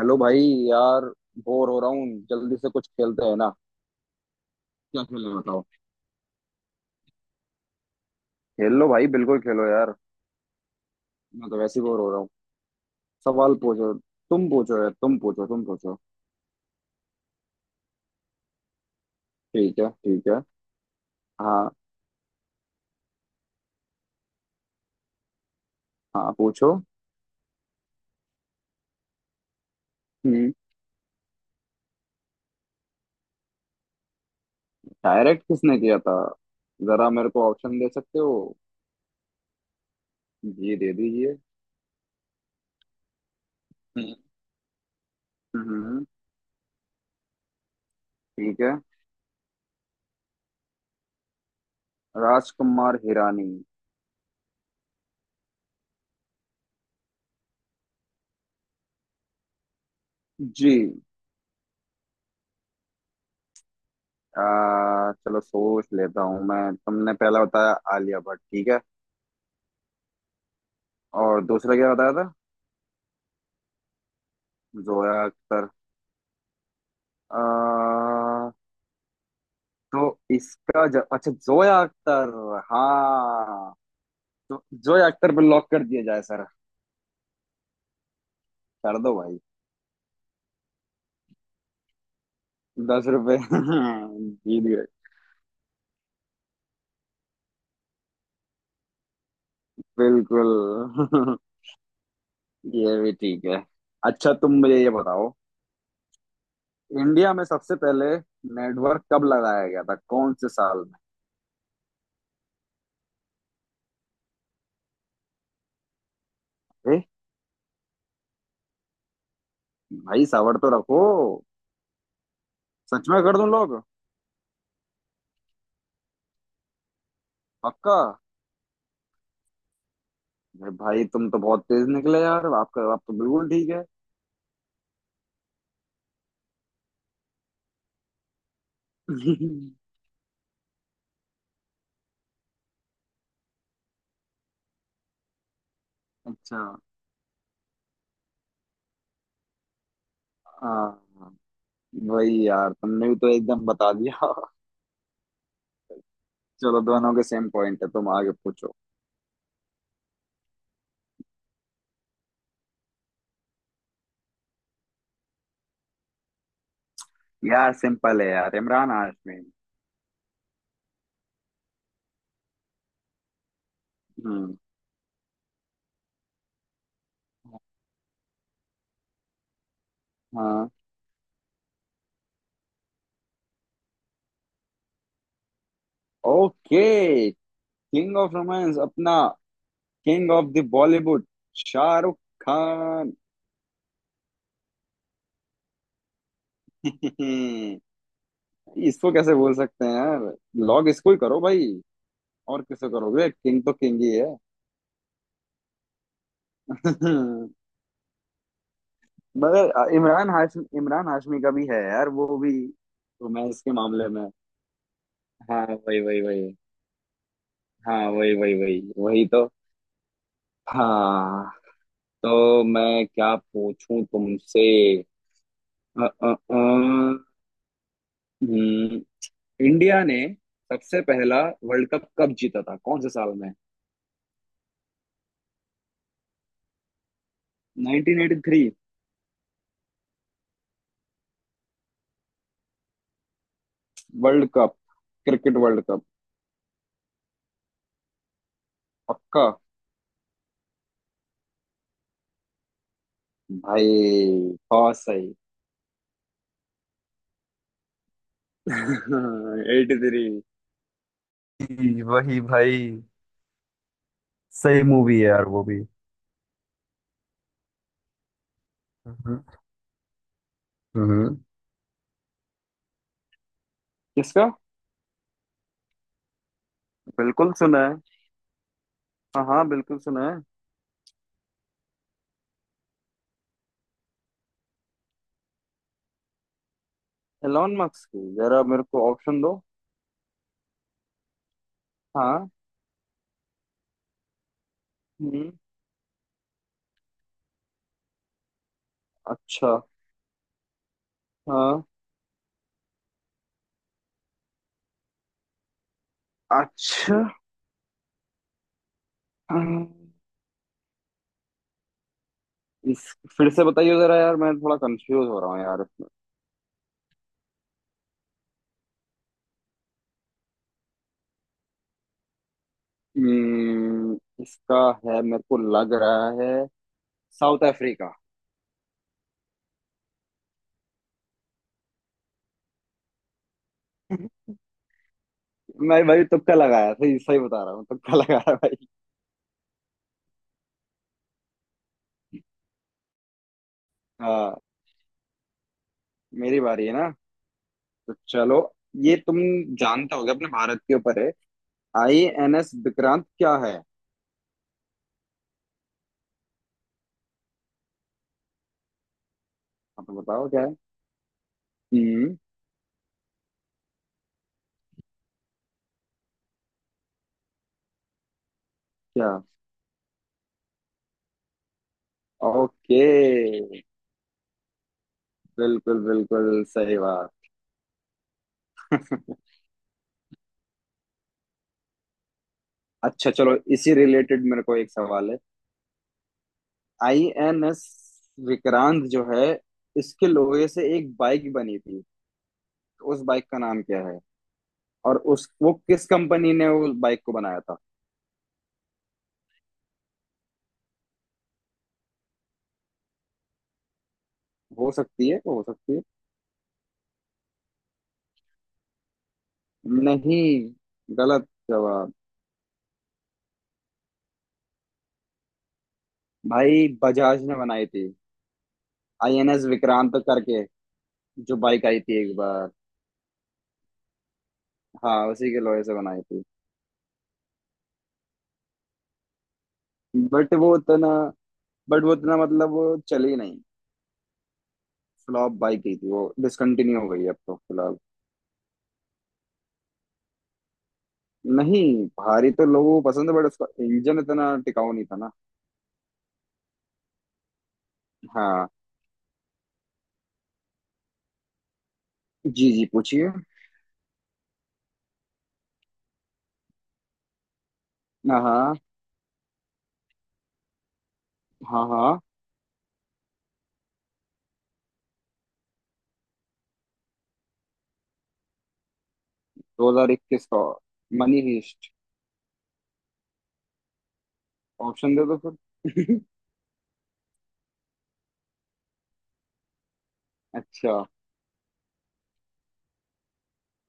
Hello भाई। यार bore हो रहा हूँ, जल्दी से कुछ खेलते हैं ना। क्या खेलना बताओ। खेल लो भाई, बिल्कुल खेलो यार। मैं तो वैसे ही बोर हो रहा हूँ। सवाल पूछो। तुम पूछो यार, तुम पूछो तुम पूछो। ठीक है ठीक है। हाँ, हाँ पूछो। हम्म। डायरेक्ट किसने किया था? जरा मेरे को ऑप्शन दे सकते हो? जी दे दीजिए। हम्म। हम्म। ठीक है। राजकुमार हिरानी। जी। चलो सोच लेता हूँ मैं। तुमने पहला बताया आलिया भट्ट, ठीक है। और दूसरा क्या बताया था? जोया अख्तर। आ, तो इसका अच्छा, जोया अख्तर। हाँ, तो जोया अख्तर पे लॉक कर दिया जाए सर। कर दो भाई। 10 रुपए जीत गए। बिल्कुल। ये भी ठीक है। अच्छा तुम मुझे ये बताओ, इंडिया में सबसे पहले नेटवर्क कब लगाया गया था, कौन से साल में? भाई सावर तो रखो। सच में कर दूं लोग। पक्का। अरे भाई तुम तो बहुत तेज निकले यार, आपका आप तो बिल्कुल ठीक है। अच्छा। हाँ वही यार, तुमने भी तो एकदम बता दिया। चलो दोनों के सेम पॉइंट है, तुम आगे पूछो। यार सिंपल है यार, इमरान हाशमी। हम्म। हाँ। ओके। किंग ऑफ रोमांस अपना king of the Bollywood Shahrukh Khan. इसको कैसे बोल सकते हैं यार। लॉग इसको ही करो भाई। और किसे करोगे, किंग तो किंग ही है। मगर इमरान हाशमी, इमरान हाशमी का भी है यार, वो भी रोमांस के मामले में। हाँ वही वही वही। हाँ वही वही वही वही तो। हाँ, तो मैं क्या पूछूं तुमसे? अ, अ, अ, हम्म, इंडिया ने सबसे पहला वर्ल्ड कप कब जीता था, कौन से साल में? 1983। World cup, cricket world cup. पक्का। भाई बहुत सही। 83। जी, वही भाई। सही मूवी है यार वो भी। हम्म। हम्म। किसका? बिल्कुल सुना है। हाँ हाँ बिल्कुल सुना है। एलॉन मस्क की, जरा मेरे को ऑप्शन दो। हाँ। हम्म। अच्छा। हाँ। अच्छा। हम्म, इस फिर से बताइए जरा यार, मैं थोड़ा कंफ्यूज हो रहा हूँ यार इसमें। हम्म, इसका है मेरे को लग रहा है साउथ अफ्रीका। मैं भाई तुक्का लगाया, सही सही बता रहा हूँ, तुक्का लगाया भाई। हाँ। मेरी बारी है ना, तो चलो। ये तुम जानते होगे, अपने भारत के ऊपर है, आई एन एस विक्रांत क्या है? आप बताओ क्या है। हम्म। क्या? ओके। बिल्कुल बिल्कुल सही बात। अच्छा, चलो इसी रिलेटेड मेरे को एक सवाल है। आई एन एस विक्रांत जो है, इसके लोहे से एक बाइक बनी थी। तो उस बाइक का नाम क्या है, और उस वो किस कंपनी ने उस बाइक को बनाया था? हो सकती है हो सकती है। नहीं, गलत जवाब। भाई बजाज ने बनाई थी। आई एन एस विक्रांत करके जो बाइक आई थी एक बार। हाँ, उसी के लोहे से बनाई थी। बट वो उतना बट वो उतना मतलब वो चली नहीं। फ्लॉप बाइक ही थी, वो डिसकंटिन्यू हो गई है अब तो फिलहाल। नहीं, भारी तो लोगों को पसंद है, बट उसका इंजन इतना टिकाऊ नहीं था ना। हाँ। जी जी पूछिए। हाँ हाँ। हाँ हाँ। 2021 का मनी हीस्ट। ऑप्शन दे दो फिर। अच्छा।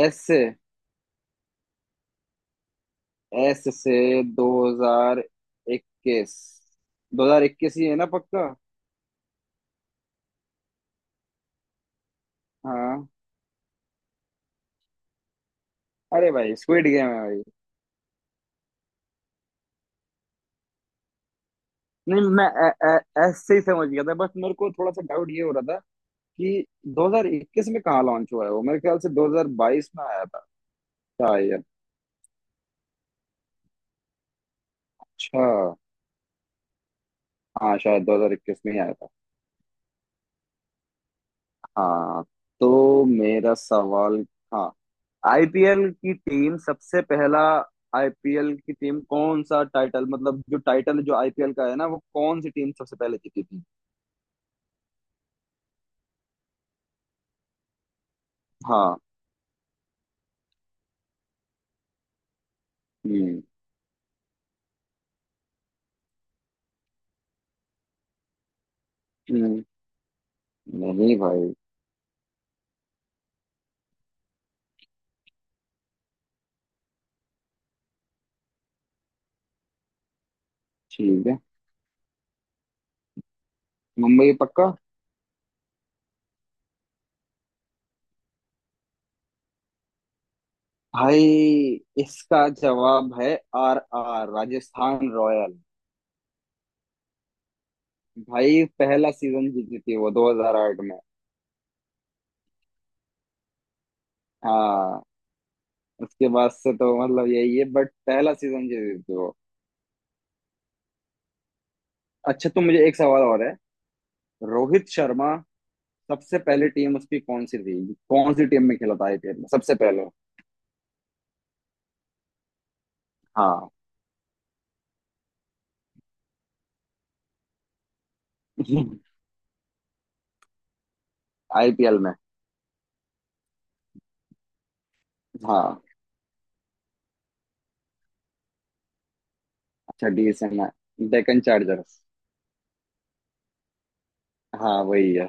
एस से? एस से 2021। 2021 ही है ना पक्का? हाँ। अरे भाई स्क्विड गेम है भाई। नहीं मैं ए, ए, एस से ही समझ गया था, बस मेरे को थोड़ा सा डाउट ये हो रहा कि 2021 में कहाँ लॉन्च हुआ है वो, मेरे ख्याल से 2022 में आया था शायद। अच्छा हाँ, शायद 2021 में ही आया था। हाँ, तो मेरा सवाल। हाँ, आईपीएल की टीम सबसे पहला, आईपीएल की टीम कौन सा टाइटल, मतलब जो टाइटल जो आईपीएल का है ना, वो कौन सी टीम सबसे पहले जीती थी? हाँ। हम्म। हम्म, नहीं भाई। ठीक है। मुंबई पक्का। भाई इसका जवाब है आर आर राजस्थान रॉयल। भाई पहला सीजन जीती थी वो 2008 में। हाँ, उसके बाद से तो मतलब यही है बट पहला सीजन जीती थी वो। अच्छा, तो मुझे एक सवाल और है। रोहित शर्मा सबसे पहले टीम उसकी कौन सी थी, कौन सी टीम में खेला था आईपीएल में सबसे पहले? हाँ। आईपीएल में। हाँ। अच्छा डीएसएन है, डेक्कन चार्जर्स। हाँ वही है।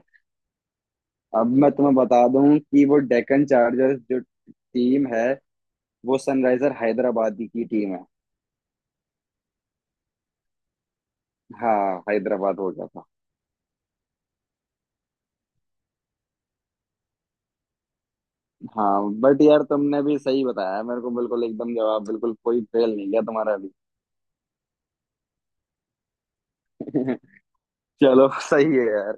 अब मैं तुम्हें बता दूं कि वो डेक्कन चार्जर्स जो टीम है, वो सनराइजर हैदराबाद की टीम है। हाँ, हैदराबाद हो गया। हाँ, बट यार तुमने भी सही बताया है मेरे को, बिल्कुल एकदम जवाब, बिल्कुल कोई फेल नहीं गया तुम्हारा भी। चलो सही है यार।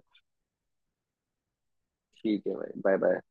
ठीक है भाई, बाय बाय।